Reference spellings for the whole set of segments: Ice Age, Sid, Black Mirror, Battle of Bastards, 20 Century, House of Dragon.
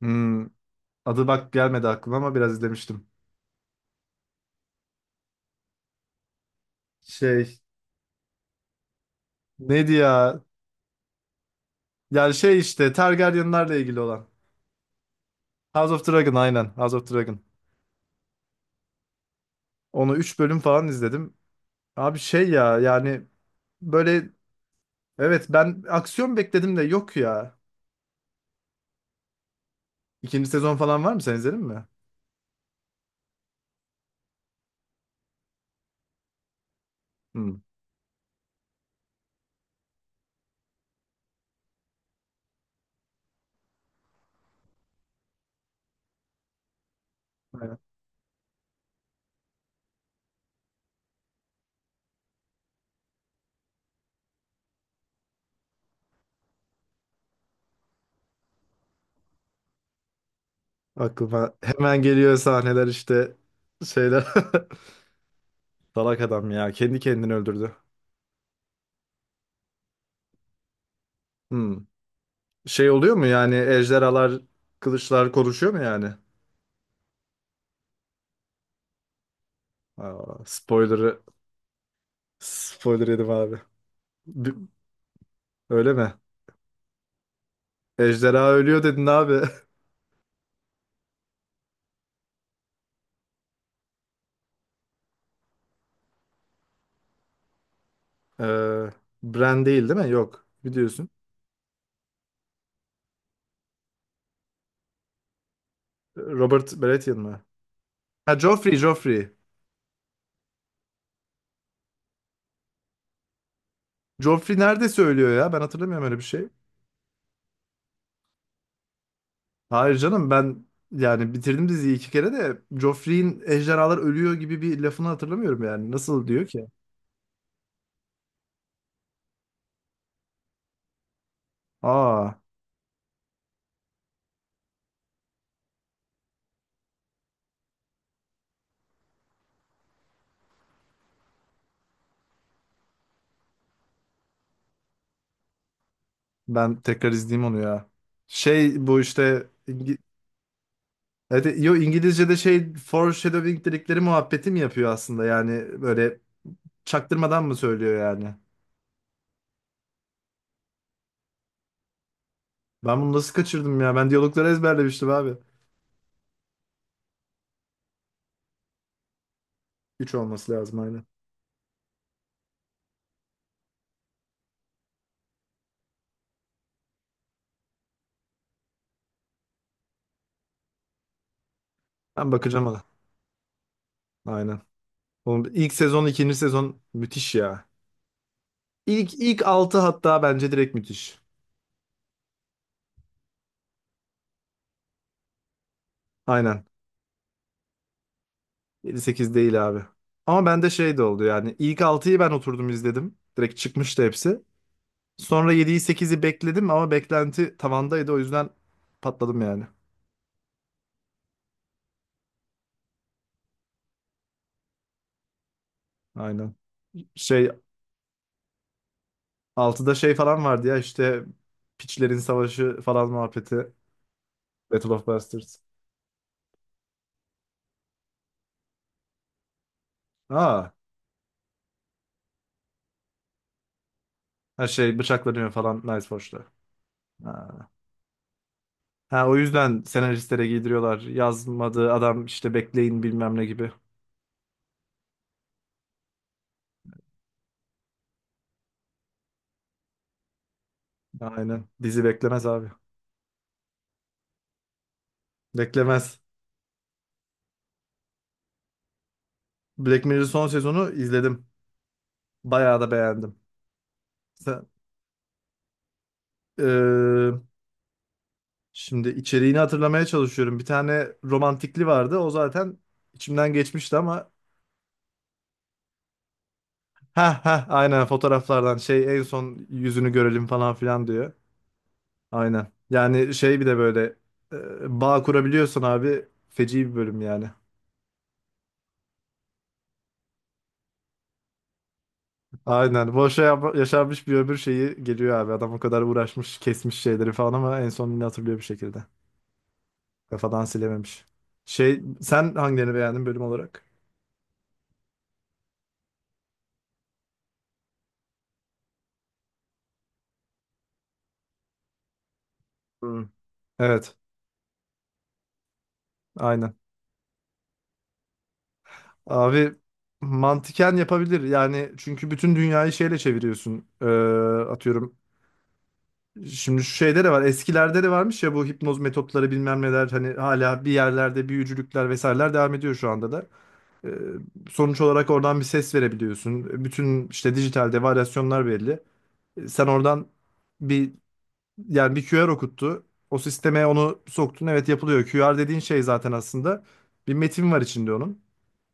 Hmm, adı bak gelmedi aklıma ama biraz izlemiştim. Şey neydi ya? Yani şey işte Targaryenlarla ilgili olan. House of Dragon, aynen House of Dragon. Onu 3 bölüm falan izledim. Abi şey ya yani böyle, evet ben aksiyon bekledim de yok ya. İkinci sezon falan var mı, sen izledin mi? Hmm. Aynen. Aklıma hemen geliyor sahneler işte, şeyler. Salak adam ya, kendi kendini öldürdü. Hmm. Şey oluyor mu yani, ejderhalar kılıçlar konuşuyor mu yani? Aa, spoiler yedim abi. Bi- Öyle mi? Ejderha ölüyor dedin abi. Ee, Bran değil, değil mi? Yok. Biliyorsun. Robert Baratheon mı? Ha, Joffrey, Joffrey. Joffrey nerede söylüyor ya? Ben hatırlamıyorum öyle bir şey. Hayır canım, ben yani bitirdim diziyi iki kere de Joffrey'in ejderhalar ölüyor gibi bir lafını hatırlamıyorum yani. Nasıl diyor ki? Aa, ben tekrar izleyeyim onu ya. Şey bu işte. Evet, yo İngilizce'de şey foreshadowing dedikleri muhabbeti mi yapıyor aslında, yani böyle çaktırmadan mı söylüyor yani? Ben bunu nasıl kaçırdım ya? Ben diyalogları ezberlemiştim abi. Üç olması lazım, aynen. Ben bakacağım ona. Aynen. Oğlum, ilk sezon, ikinci sezon müthiş ya. İlk 6 hatta bence direkt müthiş. Aynen. Yedi sekiz değil abi. Ama bende şey de oldu yani. İlk altıyı ben oturdum izledim. Direkt çıkmıştı hepsi. Sonra 7'yi 8'i bekledim ama beklenti tavandaydı, o yüzden patladım yani. Aynen. Şey altıda şey falan vardı ya işte, Piçlerin Savaşı falan muhabbeti. Battle of Bastards. Aa, ha şey bıçaklanıyor falan Nice Forge'da. Ha. Ha, o yüzden senaristlere giydiriyorlar. Yazmadığı adam işte, bekleyin bilmem ne gibi. Aynen. Dizi beklemez abi. Beklemez. Black Mirror son sezonu izledim. Bayağı da beğendim. Sen, Ee, Şimdi içeriğini hatırlamaya çalışıyorum. Bir tane romantikli vardı. O zaten içimden geçmişti ama. Ha ha, aynen, fotoğraflardan şey en son yüzünü görelim falan filan diyor. Aynen. Yani şey bir de böyle bağ kurabiliyorsun abi. Feci bir bölüm yani. Aynen. Boşa yaşanmış bir ömür şeyi geliyor abi. Adam o kadar uğraşmış, kesmiş şeyleri falan ama en son yine hatırlıyor bir şekilde. Kafadan silememiş. Şey, sen hangilerini beğendin bölüm olarak? Hı. Evet. Aynen. Abi mantıken yapabilir. Yani çünkü bütün dünyayı şeyle çeviriyorsun. Atıyorum, şimdi şu şeyde de var. Eskilerde de varmış ya bu hipnoz metotları bilmem neler, hani hala bir yerlerde büyücülükler vesaireler devam ediyor şu anda da. Ee, Sonuç olarak oradan bir ses verebiliyorsun. Bütün işte dijitalde varyasyonlar belli. Sen oradan bir bir QR okuttu. O sisteme onu soktun. Evet, yapılıyor. QR dediğin şey zaten aslında bir metin var içinde onun.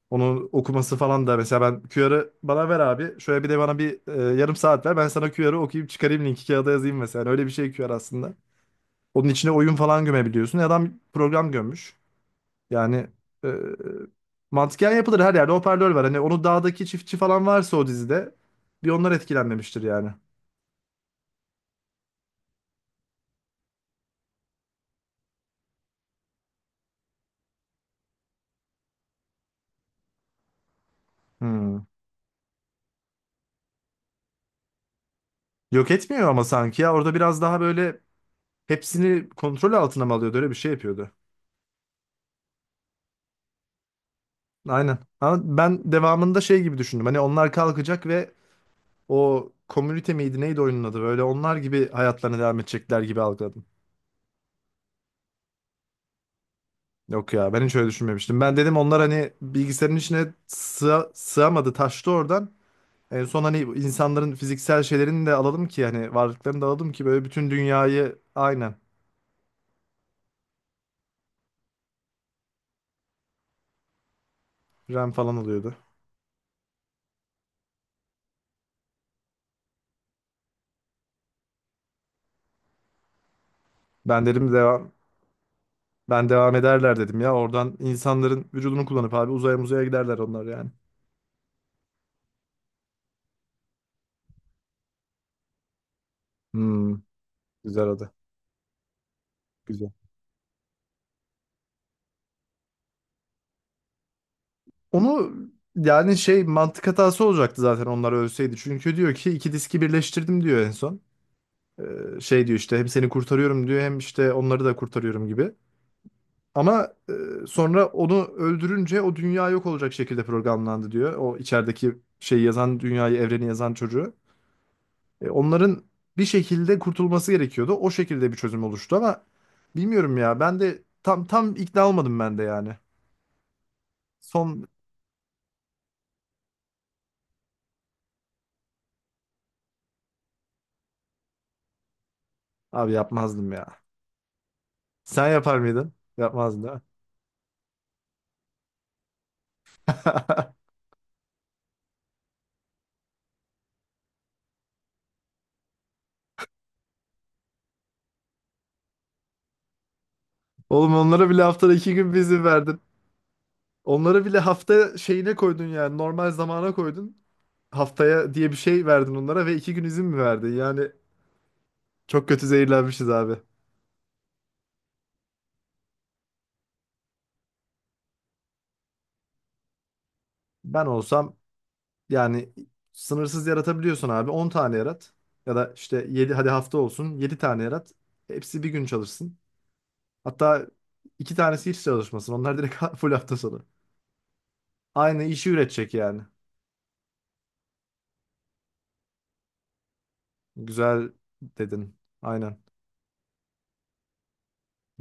Onun okuması falan da mesela, ben QR'ı bana ver abi. Şöyle bir de bana bir yarım saat ver. Ben sana QR'ı okuyup çıkarayım, linki kağıda yazayım mesela. Yani öyle bir şey QR aslında. Onun içine oyun falan gömebiliyorsun. Adam program gömmüş. Yani e, mantıken yapılır, her yerde hoparlör var. Hani onu dağdaki çiftçi falan varsa o dizide bir onlar etkilenmemiştir yani. Hmm. Yok etmiyor ama sanki ya, orada biraz daha böyle hepsini kontrol altına mı alıyordu, öyle bir şey yapıyordu. Aynen. Ama ben devamında şey gibi düşündüm. Hani onlar kalkacak ve o komünite miydi neydi oyunun adı, böyle onlar gibi hayatlarına devam edecekler gibi algıladım. Yok ya, ben hiç öyle düşünmemiştim. Ben dedim onlar hani bilgisayarın içine sığamadı, taştı oradan. En son hani insanların fiziksel şeylerini de alalım ki hani varlıklarını da alalım ki böyle bütün dünyayı, aynen, RAM falan alıyordu. Ben dedim devam Ben devam ederler dedim ya, oradan insanların vücudunu kullanıp abi uzaya muzaya giderler onlar yani. Hmm, güzel adı. Güzel. Onu yani şey mantık hatası olacaktı zaten onlar ölseydi. Çünkü diyor ki iki diski birleştirdim diyor en son. Şey diyor işte hem seni kurtarıyorum diyor hem işte onları da kurtarıyorum gibi. Ama sonra onu öldürünce o dünya yok olacak şekilde programlandı diyor. O içerideki şeyi yazan, dünyayı evreni yazan çocuğu. Onların bir şekilde kurtulması gerekiyordu. O şekilde bir çözüm oluştu ama bilmiyorum ya, ben de tam ikna olmadım ben de yani. Son Abi yapmazdım ya. Sen yapar mıydın? Yapmazdın. Oğlum, onlara bile haftada 2 gün bir izin verdin. Onlara bile hafta şeyine koydun yani, normal zamana koydun. Haftaya diye bir şey verdin onlara ve 2 gün izin mi verdin? Yani çok kötü zehirlenmişiz abi. Ben olsam yani sınırsız yaratabiliyorsun abi, 10 tane yarat. Ya da işte 7, hadi hafta olsun, 7 tane yarat. Hepsi bir gün çalışsın. Hatta iki tanesi hiç çalışmasın. Onlar direkt full hafta sonu. Aynı işi üretecek yani. Güzel dedin. Aynen.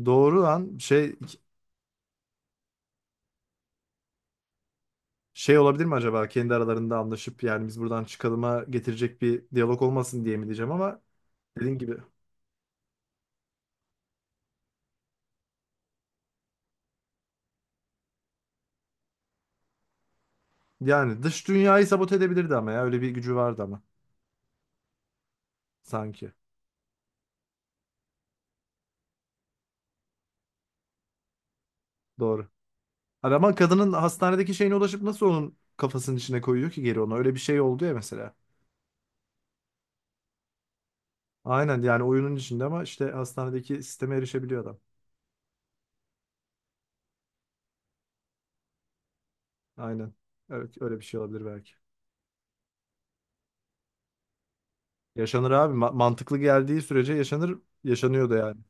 Doğru lan şey. Şey olabilir mi acaba, kendi aralarında anlaşıp yani biz buradan çıkalıma getirecek bir diyalog olmasın diye mi diyeceğim ama dediğin gibi yani dış dünyayı sabote edebilirdi ama ya, öyle bir gücü vardı ama sanki. Doğru. Hani ama kadının hastanedeki şeyine ulaşıp nasıl onun kafasının içine koyuyor ki geri onu, öyle bir şey oldu ya mesela. Aynen yani oyunun içinde ama işte hastanedeki sisteme erişebiliyor adam. Aynen. Evet öyle bir şey olabilir belki. Yaşanır abi, mantıklı geldiği sürece yaşanır, yaşanıyor da yani.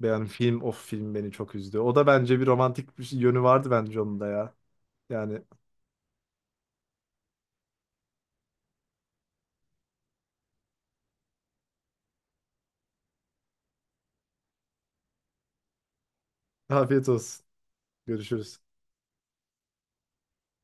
Yani film of film beni çok üzdü. O da bence bir romantik bir yönü vardı bence onun da ya. Yani afiyet olsun. Görüşürüz.